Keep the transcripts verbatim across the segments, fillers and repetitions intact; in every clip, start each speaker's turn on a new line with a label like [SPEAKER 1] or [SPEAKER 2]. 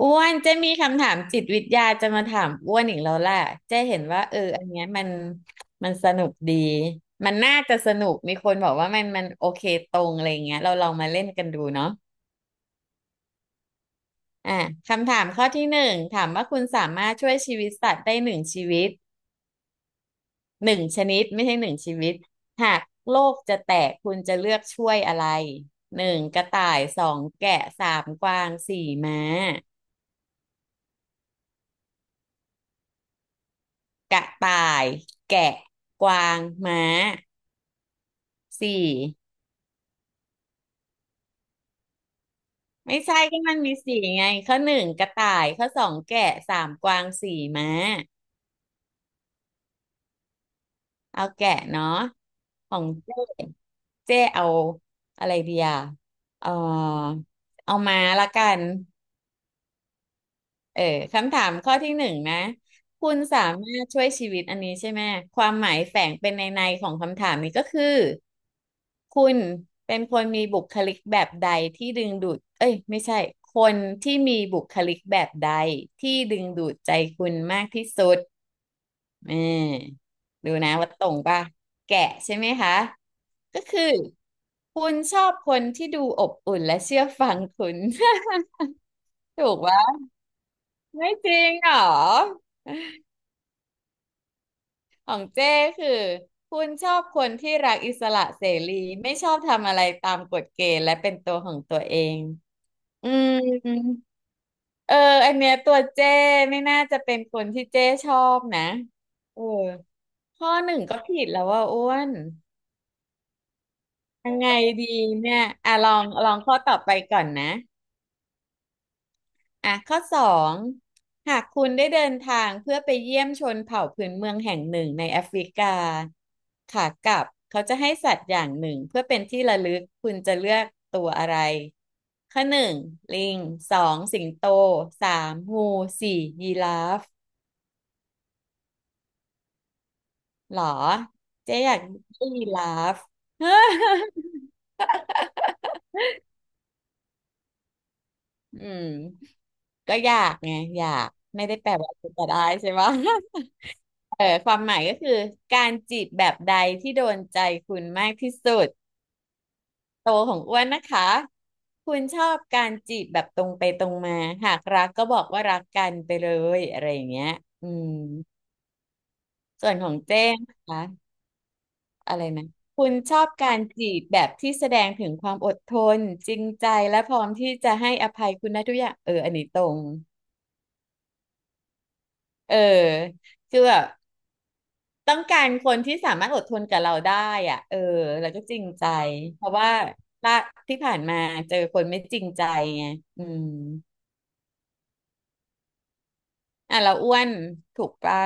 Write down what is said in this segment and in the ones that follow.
[SPEAKER 1] อ้วนเจ๊มีคำถามจิตวิทยาจะมาถามอ้วนอีกแล้วแหละเจ๊เห็นว่าเอออันเนี้ยมันมันสนุกดี มันน่าจะสนุกมีคนบอกว่ามันมันโอเคตรงอะไรเงี้ยเราลองมาเล่นกันดูเนาะอ่ะคำถามข้อที่หนึ่งถามว่าคุณสามารถช่วยชีวิตสัตว์ได้หนึ่งชีวิตหนึ่งชนิดไม่ใช่หนึ่งชีวิต หากโลกจะแตกคุณจะเลือกช่วยอะไรหนึ่งกระต่ายสองแกะสามกวางสี่ม้ากระต่ายแกะกวางม้า สี่ไม่ใช่ก็มันมีสี่ไงข้อหนึ่งกระต่ายข้อสองแกะสามกวางสี่ม้าเอาแกะเนาะของเจ้เจ้เอาอะไรดีอ่ะเออเอาม้าละกัน เออคำถามข้อที่หนึ่งนะคุณสามารถช่วยชีวิตอันนี้ใช่ไหมความหมายแฝงเป็นในในของคำถามนี้ก็คือคุณเป็นคนมีบุคลิกแบบใดที่ดึงดูดเอ้ยไม่ใช่คนที่มีบุคลิกแบบใดที่ดึงดูดใจคุณมากที่สุดเออดูนะว่าตรงป่ะแกะใช่ไหมคะก็คือคุณชอบคนที่ดูอบอุ่นและเชื่อฟังคุณ ถูกปะไม่จริงเหรอ ของเจ้คือคุณชอบคนที่รักอิสระเสรีไม่ชอบทำอะไรตามกฎเกณฑ์และเป็นตัวของตัวเองอืมเอออันเนี้ยตัวเจ้ไม่น่าจะเป็นคนที่เจ้ชอบนะเออข้อหนึ่งก็ผิดแล้วว่าอ้วนยังไงดีเนี่ยอ่ะลองลองข้อต่อไปก่อนนะ อ่ะข้อสองหากคุณได้เดินทางเพื่อไปเยี่ยมชนเผ่าพื้นเมืองแห่งหนึ่งในแอฟริกาขากลับเขาจะให้สัตว์อย่างหนึ่งเพื่อเป็นที่ระลึกคุณจะเลือกตัวอะไรข้อหนึ่งลิงสองสิงโตสามงูสี่ยีราฟหรอเจ๊อยากได้ยีราฟ อืมก็อยากไงอยากไม่ได้แปลว่าจะได้ใช่ไหม เออความหมายก็คือการจีบแบบใดที่โดนใจคุณมากที่สุดโตของอ้วนนะคะคุณชอบการจีบแบบตรงไปตรงมาหากรักก็บอกว่ารักกันไปเลยอะไรอย่างเงี้ยอืมส่วนของเจ้งนะคะอะไรนะคุณชอบการจีบแบบที่แสดงถึงความอดทนจริงใจและพร้อมที่จะให้อภัยคุณนะทุกอย่างเอออันนี้ตรงเออคือแบบ ต้องการคนที่สามารถอดทนกับเราได้อ่ะเออแล้วก็จริงใจเพราะว่าละที่ผ่านมาเจอคนไม่จริงใจไงอืมอ่ะเราอ้วนถูกปะ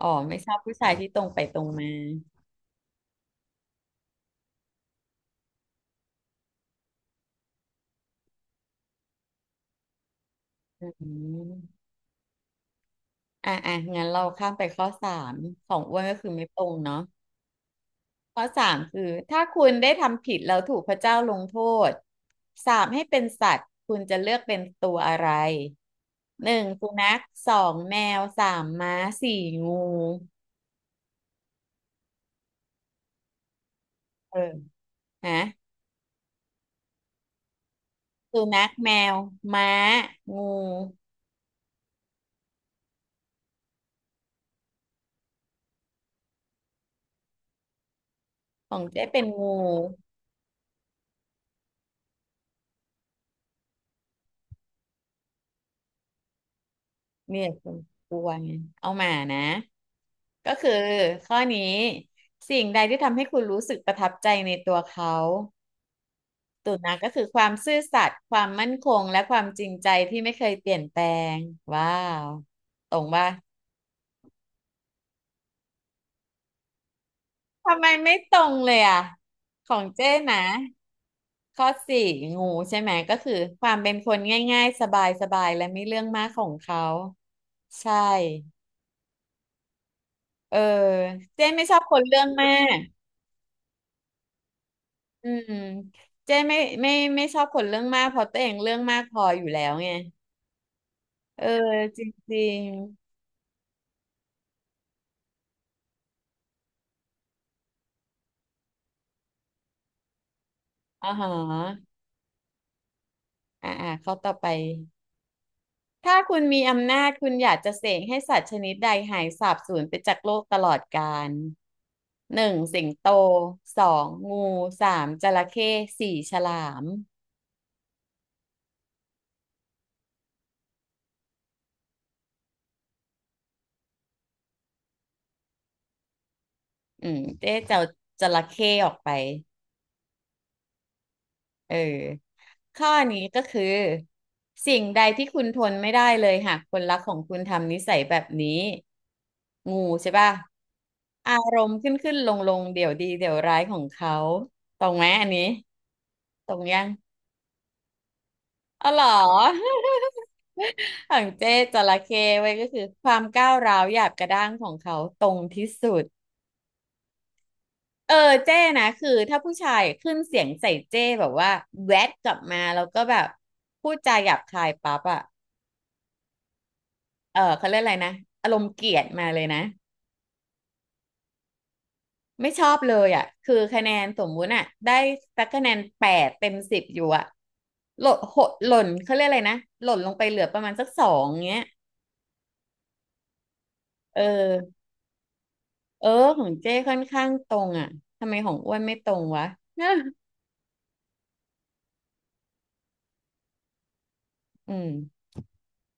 [SPEAKER 1] อ๋อไม่ชอบผู้ชายที่ตรงไปตรงมาอืมอ่ะอ่ะงั้นเราข้ามไปข้อสามของอ้วนก็คือไม่ตรงเนาะ ข้อสามคือถ้าคุณได้ทำผิดแล้วถูกพระเจ้าลงโทษสาปให้เป็นสัตว์คุณจะเลือกเป็นตัวอะไรหนึ่งสุนัขสองแมวสามม้าสี่งูเออนะสุนัขแมวม้างูของเจ๊เป็นงูเนี่ยคุณกลัวไงเอามานะก็คือข้อนี้สิ่งใดที่ทำให้คุณรู้สึกประทับใจในตัวเขา ตุนะก็คือความซื่อสัตย์ความมั่นคงและความจริงใจที่ไม่เคยเปลี่ยนแปลงว้าวตรงป่ะทำไมไม่ตรงเลยอ่ะของเจ้นะข้อสี่งูใช่ไหมก็คือความเป็นคนง่ายๆสบายๆและไม่เรื่องมากของเขาใช่เออเจ้ไม่ชอบคนเรื่องมากอืมเจ้ไม่ไม่ไม่ชอบคนเรื่องมากเพราะตัวเองเรื่องมากพออยู่แล้วไงเออจริงๆอ๋าฮะอ่าอ่าข้อต่อไป ถ้าคุณมีอำนาจคุณอยากจะเสกให้สัตว์ชนิดใดหายสาบสูญไปจากโลกตลอดกาลหนึ่งสิงโตสองงูสามจระเข้สี่ฉลามอืมเจ๊จะเอาจระเข้ออกไปเออข้อนี้ก็คือสิ่งใดที่คุณทนไม่ได้เลยหากคนรักของคุณทำนิสัยแบบนี้งูใช่ป่ะอารมณ์ขึ้นขึ้นลงลงเดี๋ยวดีเดี๋ยวร้ายของเขาตรงไหมอันนี้ตรงยัง อ๋อเหรอ ของเจ๊จระเข้ไว้ยก็คือความก้าวร้าวหยาบกระด้างของเขาตรงที่สุดเออเจ๊นะคือถ้าผู้ชายขึ้นเสียงใส่เจ๊แบบว่าแวดกลับมาแล้วก็แบบพูดจาหยาบคายปั๊บอะเออเขาเรียกอะไรนะอารมณ์เกลียดมาเลยนะไม่ชอบเลยอะคือคะแนนสมมุติอ่ะได้สักคะแนนแปดเต็มสิบอยู่อะหล่นหดหล่นเขาเรียกอะไรนะหล่นลงไปเหลือประมาณสักสองเงี้ยเออ เออ ของเจ้ค่อนข้างตรงอ่ะ ทำไมของอ้วนไม่ตรงวะ อืม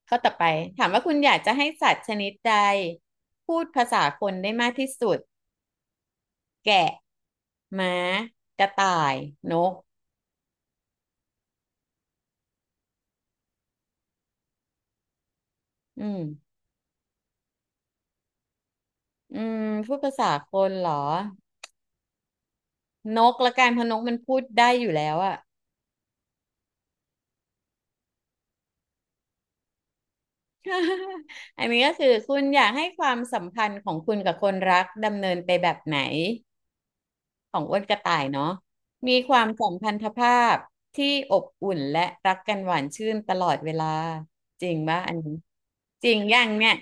[SPEAKER 1] ข้อต่อไป ถามว่าคุณอยากจะให้สัตว์ชนิดใดพูดภาษาคนได้มากที่สุด แกะม้ากระต่าย นก อืม อืม พูดภาษาคนเหรอ นกละกันเพราะนกมันพูดได้อยู่แล้วอะ อันนี้ก็คือคุณอยากให้ความสัมพันธ์ของคุณกับคนรักดำเนินไปแบบไหน ของอ้วนกระต่ายเนาะมีความสัมพันธภาพที่อบอุ่นและรักกันหวานชื่นตลอดเวลาจริงป่ะอันนี้จริงอย่างเนี่ย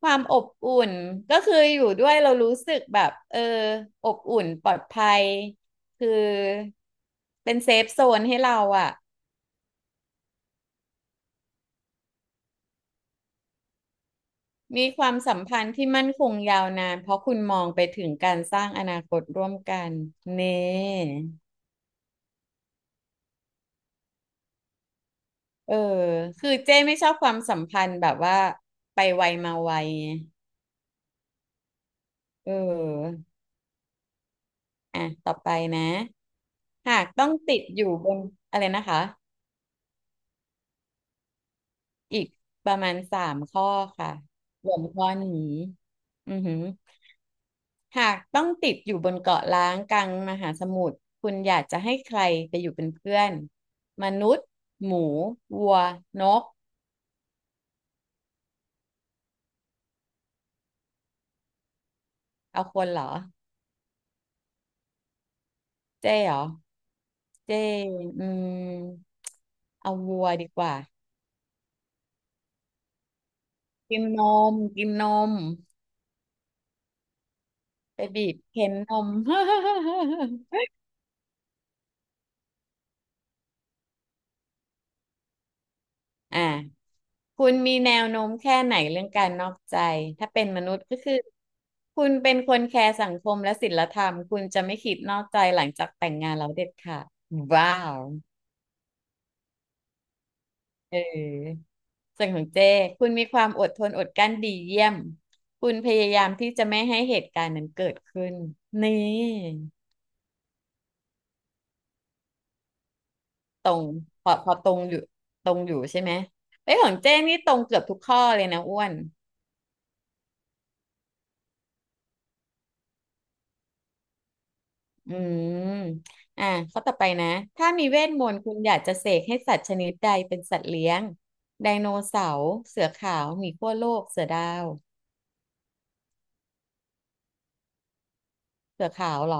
[SPEAKER 1] ความอบอุ่นก็คืออยู่ด้วยเรารู้สึกแบบเอออบอุ่นปลอดภัยคือเป็นเซฟโซนให้เราอ่ะมีความสัมพันธ์ที่มั่นคงยาวนานเพราะคุณมองไปถึงการสร้างอนาคตร่วมกันนี่ เออคือเจ้ไม่ชอบความสัมพันธ์แบบว่าไปไวมาไวไงเอออ่ะต่อไปนะหากต้องติดอยู่บนอะไรนะคะอีกประมาณสามข้อค่ะรวมข้อนี้อือหือหากต้องติดอยู่บนเกาะล้างกลางมหาสมุทรคุณอยากจะให้ใครไปอยู่เป็นเพื่อนมนุษย์หมูวัวนกเอาคนเหรอ เจ๊เหรอ เจ๊อืมเอาวัวดีกว่า กินนมกินนมไปบีบเค้นนม อ่ะคุณมีแนวโน้มแค่ไหนเรื่องการนอกใจ ถ้าเป็นมนุษย์ก็คือ คุณเป็นคนแคร์สังคมและศีลธรรม คุณจะไม่คิดนอกใจหลังจากแต่งงานแล้วเด็ดขาดว้าว เออส่วนของเจ้คุณมีความอดทนอดกลั้นดีเยี่ยมคุณพยายามที่จะไม่ให้เหตุการณ์นั้นเกิดขึ้นนี่ตรงพอพอตรงอยู่ตรงอยู่ใช่ไหมเอ้ยของเจ้นี่ตรงเกือบทุกข้อเลยนะอ้วนอืมอ่ะข้อต่อไปนะถ้ามีเวทมนต์คุณอยากจะเสกให้สัตว์ชนิดใดเป็นสัตว์เลี้ยงไดโนเสาร์เสือขาวหมีขั้วโลกเสือดาวเสือขาวเหรอ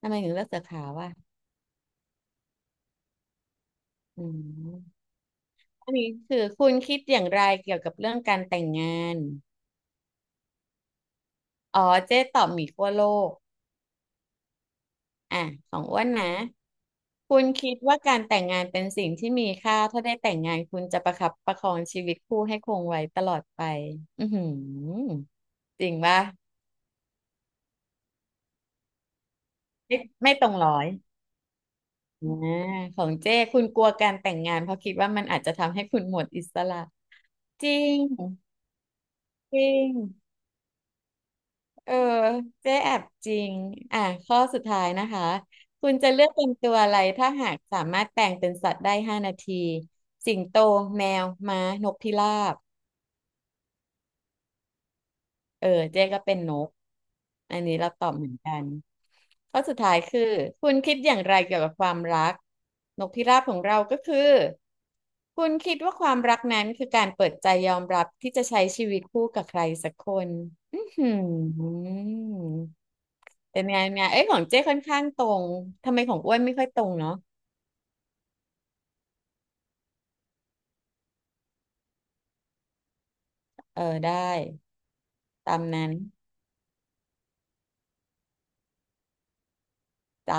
[SPEAKER 1] ทำไมถึงเลือกเสือขาวอ่ะอืม อันนี้คือคุณคิดอย่างไรเกี่ยวกับเรื่องการแต่งงานอ๋อเจ๊ตอบหมีขั้วโลกอ่ะของอ้วนนะคุณคิดว่าการแต่งงานเป็นสิ่งที่มีค่าถ้าได้แต่งงานคุณจะประคับประคองชีวิตคู่ให้คงไว้ตลอดไปอือหือจริงป่ะไม่ไม่ตรงร้อยอ่าของเจ้คุณกลัวการแต่งงานเพราะคิดว่ามันอาจจะทำให้คุณหมดอิสระจริงจริง เออเจ๊แอบจริงอ่ะข้อสุดท้ายนะคะคุณจะเลือกเป็นตัวอะไรถ้าหากสามารถแปลงเป็นสัตว์ได้ห้านาทีสิงโตแมวม้านกพิราบเออเจ๊ก็เป็นนกอันนี้เราตอบเหมือนกันข้อสุดท้ายคือคุณคิดอย่างไรเกี่ยวกับความรักนกพิราบของเราก็คือคุณคิดว่าความรักนั้นคือการเปิดใจยอมรับที่จะใช้ชีวิตคู่กับใครสักคนอือหือ เป็นไงเป็นไงเอ้ยของเจ้ค่อนข้างตรง ทำไมของอ้วนไม่ค่อยตรงเนาะเออได้ตามนั้นจ้า